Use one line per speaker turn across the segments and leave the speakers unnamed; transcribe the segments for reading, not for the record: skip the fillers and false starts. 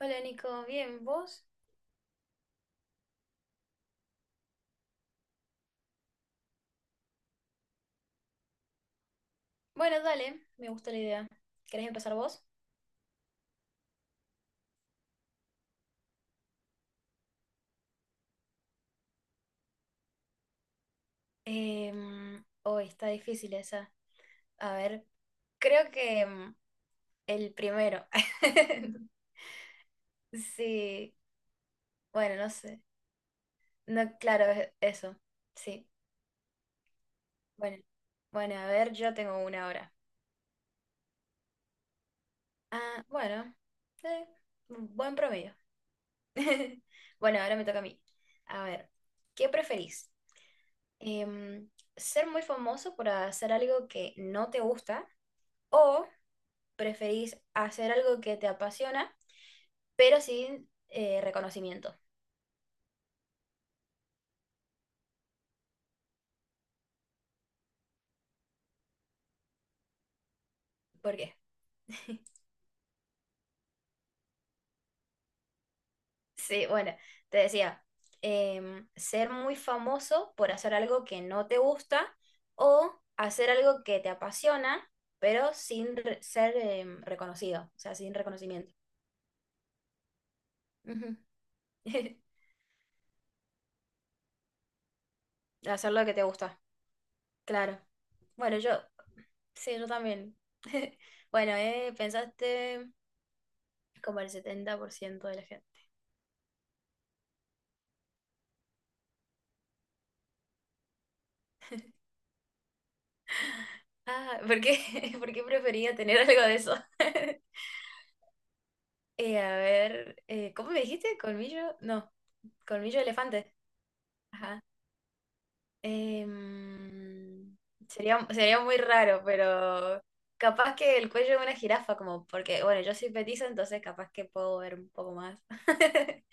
Hola Nico, bien, ¿vos? Bueno, dale, me gusta la idea. ¿Querés empezar vos? Oh, está difícil esa. A ver, creo que el primero. Sí, bueno, no sé. No, claro, eso. Sí, bueno. Bueno, a ver, yo tengo una hora. Ah, bueno, eh, buen promedio. Bueno, ahora me toca a mí. A ver, ¿qué preferís? em, Ser muy famoso por hacer algo que no te gusta o preferís hacer algo que te apasiona, pero sin reconocimiento. ¿Por qué? Sí, bueno, te decía, ser muy famoso por hacer algo que no te gusta o hacer algo que te apasiona, pero sin ser reconocido, o sea, sin reconocimiento. Ujú. Hacer lo que te gusta, claro. Bueno, yo sí, yo también. Bueno, pensaste como el 70% de la gente. Ah, ¿por qué? ¿Por qué prefería tener algo de eso? A ver, ¿cómo me dijiste? ¿Colmillo? No, colmillo de elefante. Ajá. Em, Sería, sería muy raro, pero capaz que el cuello de una jirafa, como porque, bueno, yo soy petiza, entonces capaz que puedo ver un poco más.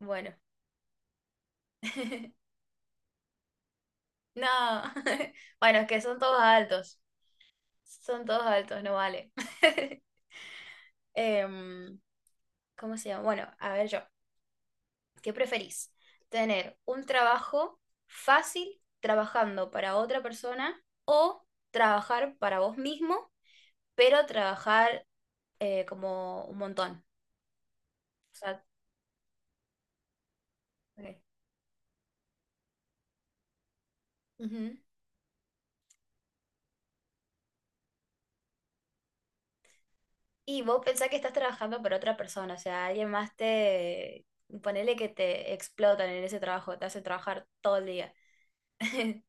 Bueno. No. Bueno, es que son todos altos. Son todos altos, no vale. Em, ¿Cómo se llama? Bueno, a ver yo, ¿qué preferís? ¿Tener un trabajo fácil trabajando para otra persona o trabajar para vos mismo, pero trabajar como un montón? O sea, ok. Ujú. Y vos pensás que estás trabajando para otra persona, o sea, alguien más te... Ponele que te explotan en ese trabajo, te hace trabajar todo el día.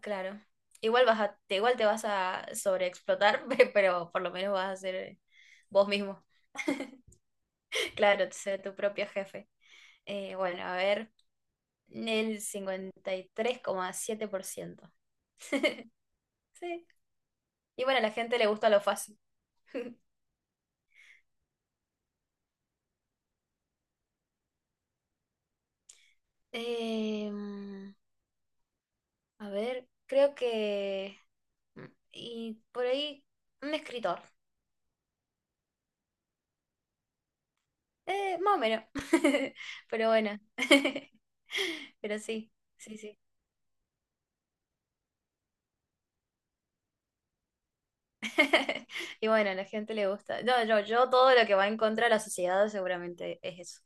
Claro. Igual te vas a sobreexplotar, pero por lo menos vas a ser vos mismo. Claro, ser tu propio jefe. Bueno, a ver, el 53,7%. Sí. Y bueno, a la gente le gusta lo fácil. Em, a ver, creo que... mm, y por ahí, un escritor. Más o menos. Pero bueno. Pero sí, sí, sí. Y bueno, a la gente le gusta. No, yo todo lo que va en contra de la sociedad seguramente es eso.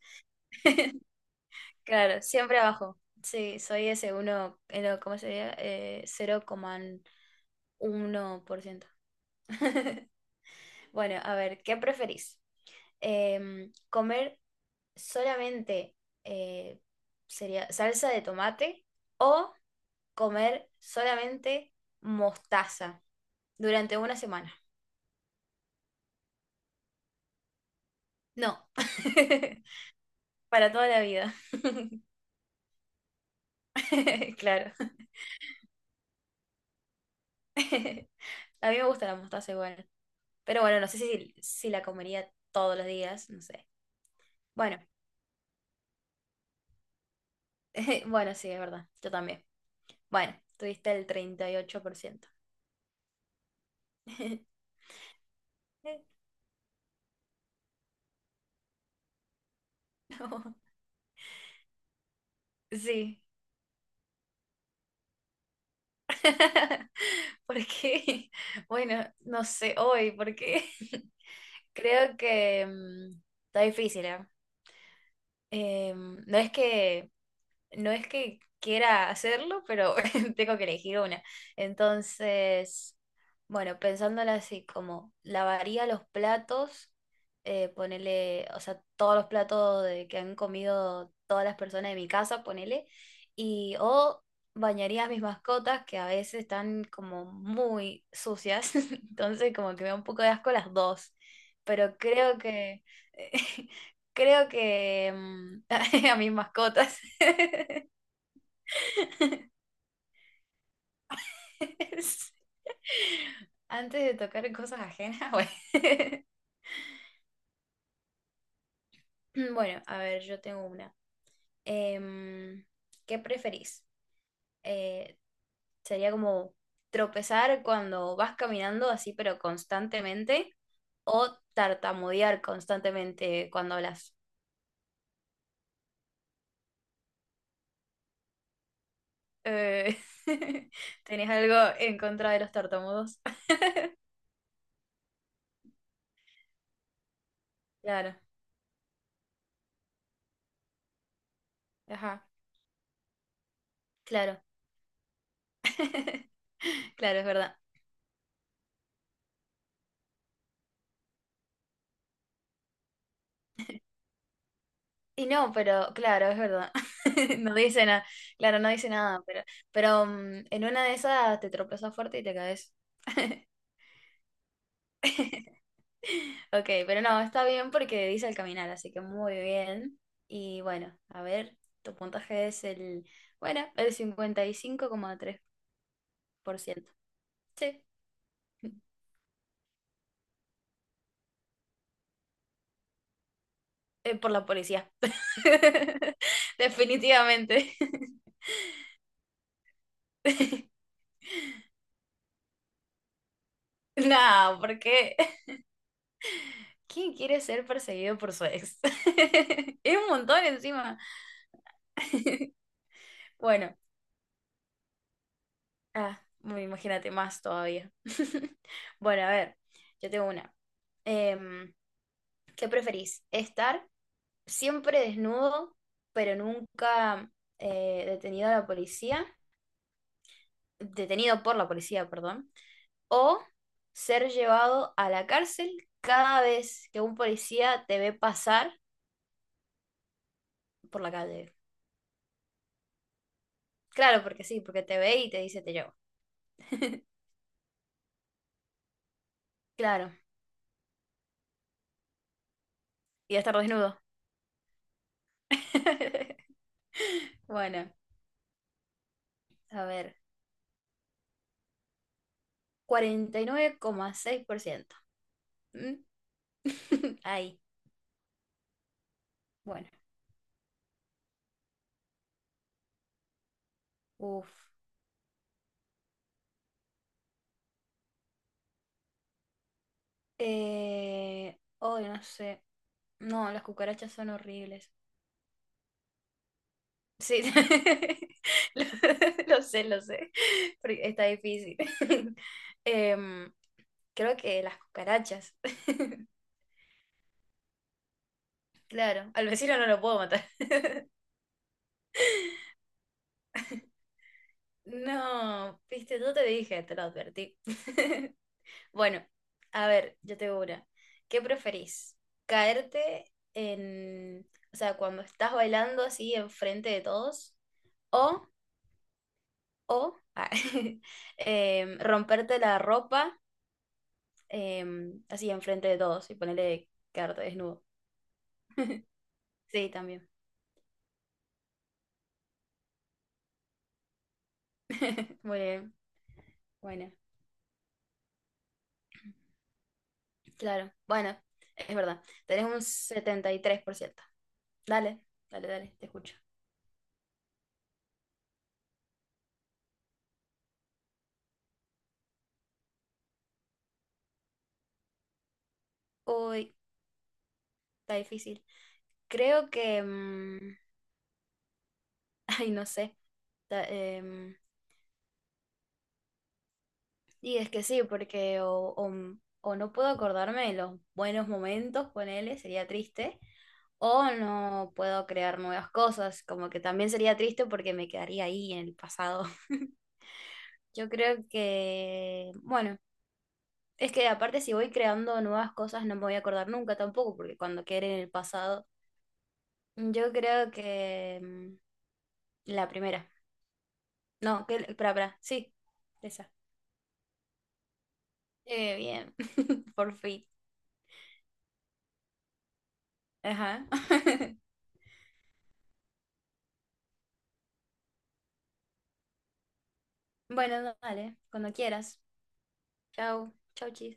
Claro, siempre abajo. Sí, soy ese uno, no, ¿cómo sería? 0,1%. Bueno, a ver, ¿qué preferís? ¿Comer solamente eh, sería salsa de tomate o comer solamente mostaza durante una semana? No, para toda la vida. Claro. A mí me gusta la mostaza igual. Pero bueno, no sé si la comería todos los días, no sé. Bueno, bueno, sí, es verdad. Yo también. Bueno, tuviste el 38%. No, sí. ¿Por qué? Bueno, no sé hoy, ¿por qué? Creo que está difícil, ¿eh? Em, no es que no es que quiera hacerlo, pero tengo que elegir una. Entonces, bueno, pensándola así, como lavaría los platos, ponele, o sea, todos los platos que han comido todas las personas de mi casa, ponele, o bañaría a mis mascotas que a veces están como muy sucias, entonces como que me da un poco de asco las dos, pero creo que... Creo que a mis mascotas. Antes de tocar cosas ajenas, bueno. Bueno, a ver, yo tengo una. Em, ¿Qué preferís? Eh, Sería como tropezar cuando vas caminando así, pero constantemente, o tartamudear constantemente cuando hablas. Eh, ¿tenés algo en contra de los tartamudos? Claro, ajá, claro, claro, es verdad. Y no, pero claro, es verdad. No dice nada. Claro, no dice nada, pero en una de esas te tropezas fuerte y te caes. Ok, pero no, está bien porque dice al caminar, así que muy bien. Y bueno, a ver, tu puntaje es el 55,3%. Sí, por la policía. Definitivamente. No, ¿por qué? ¿Quién quiere ser perseguido por su ex? Es un montón encima. Bueno, ah, bueno, imagínate más todavía. Bueno, a ver, yo tengo una. Em, ¿Qué preferís? ¿Estar siempre desnudo, pero nunca detenido a la policía? Detenido por la policía, perdón. ¿O ser llevado a la cárcel cada vez que un policía te ve pasar por la calle? Claro, porque sí, porque te ve y te dice te llevo. Claro, y estar desnudo. Bueno, a ver, 49,6%. ¿Mm? Ahí, bueno, uff. Oh, no sé. No, las cucarachas son horribles. Sí, lo, lo sé, lo sé. Porque está difícil. Em, Creo que las cucarachas. Claro, al vecino no lo puedo matar. No, viste, yo te dije, te lo advertí. Bueno, a ver, yo te digo una. ¿Qué preferís? ¿Caerte en, o sea, cuando estás bailando así enfrente de todos? ¿O, o romperte la ropa así enfrente de todos y ponerle quedarte desnudo? Sí, también. Muy bien. Bueno, claro. Bueno, es verdad. Tenés un 73%. Dale, dale, dale, te escucho. Uy, está difícil. Creo que... ay, no sé. Ta- em, y es que sí, porque o no puedo acordarme de los buenos momentos, ponele, sería triste, o no puedo crear nuevas cosas, como que también sería triste porque me quedaría ahí en el pasado. Yo creo que, bueno, es que aparte si voy creando nuevas cosas no me voy a acordar nunca tampoco, porque cuando quede en el pasado, yo creo que la primera. No, que, para, sí, esa. Bien, por fin. Ajá. Bueno, dale, cuando quieras. Chao, chao, chis.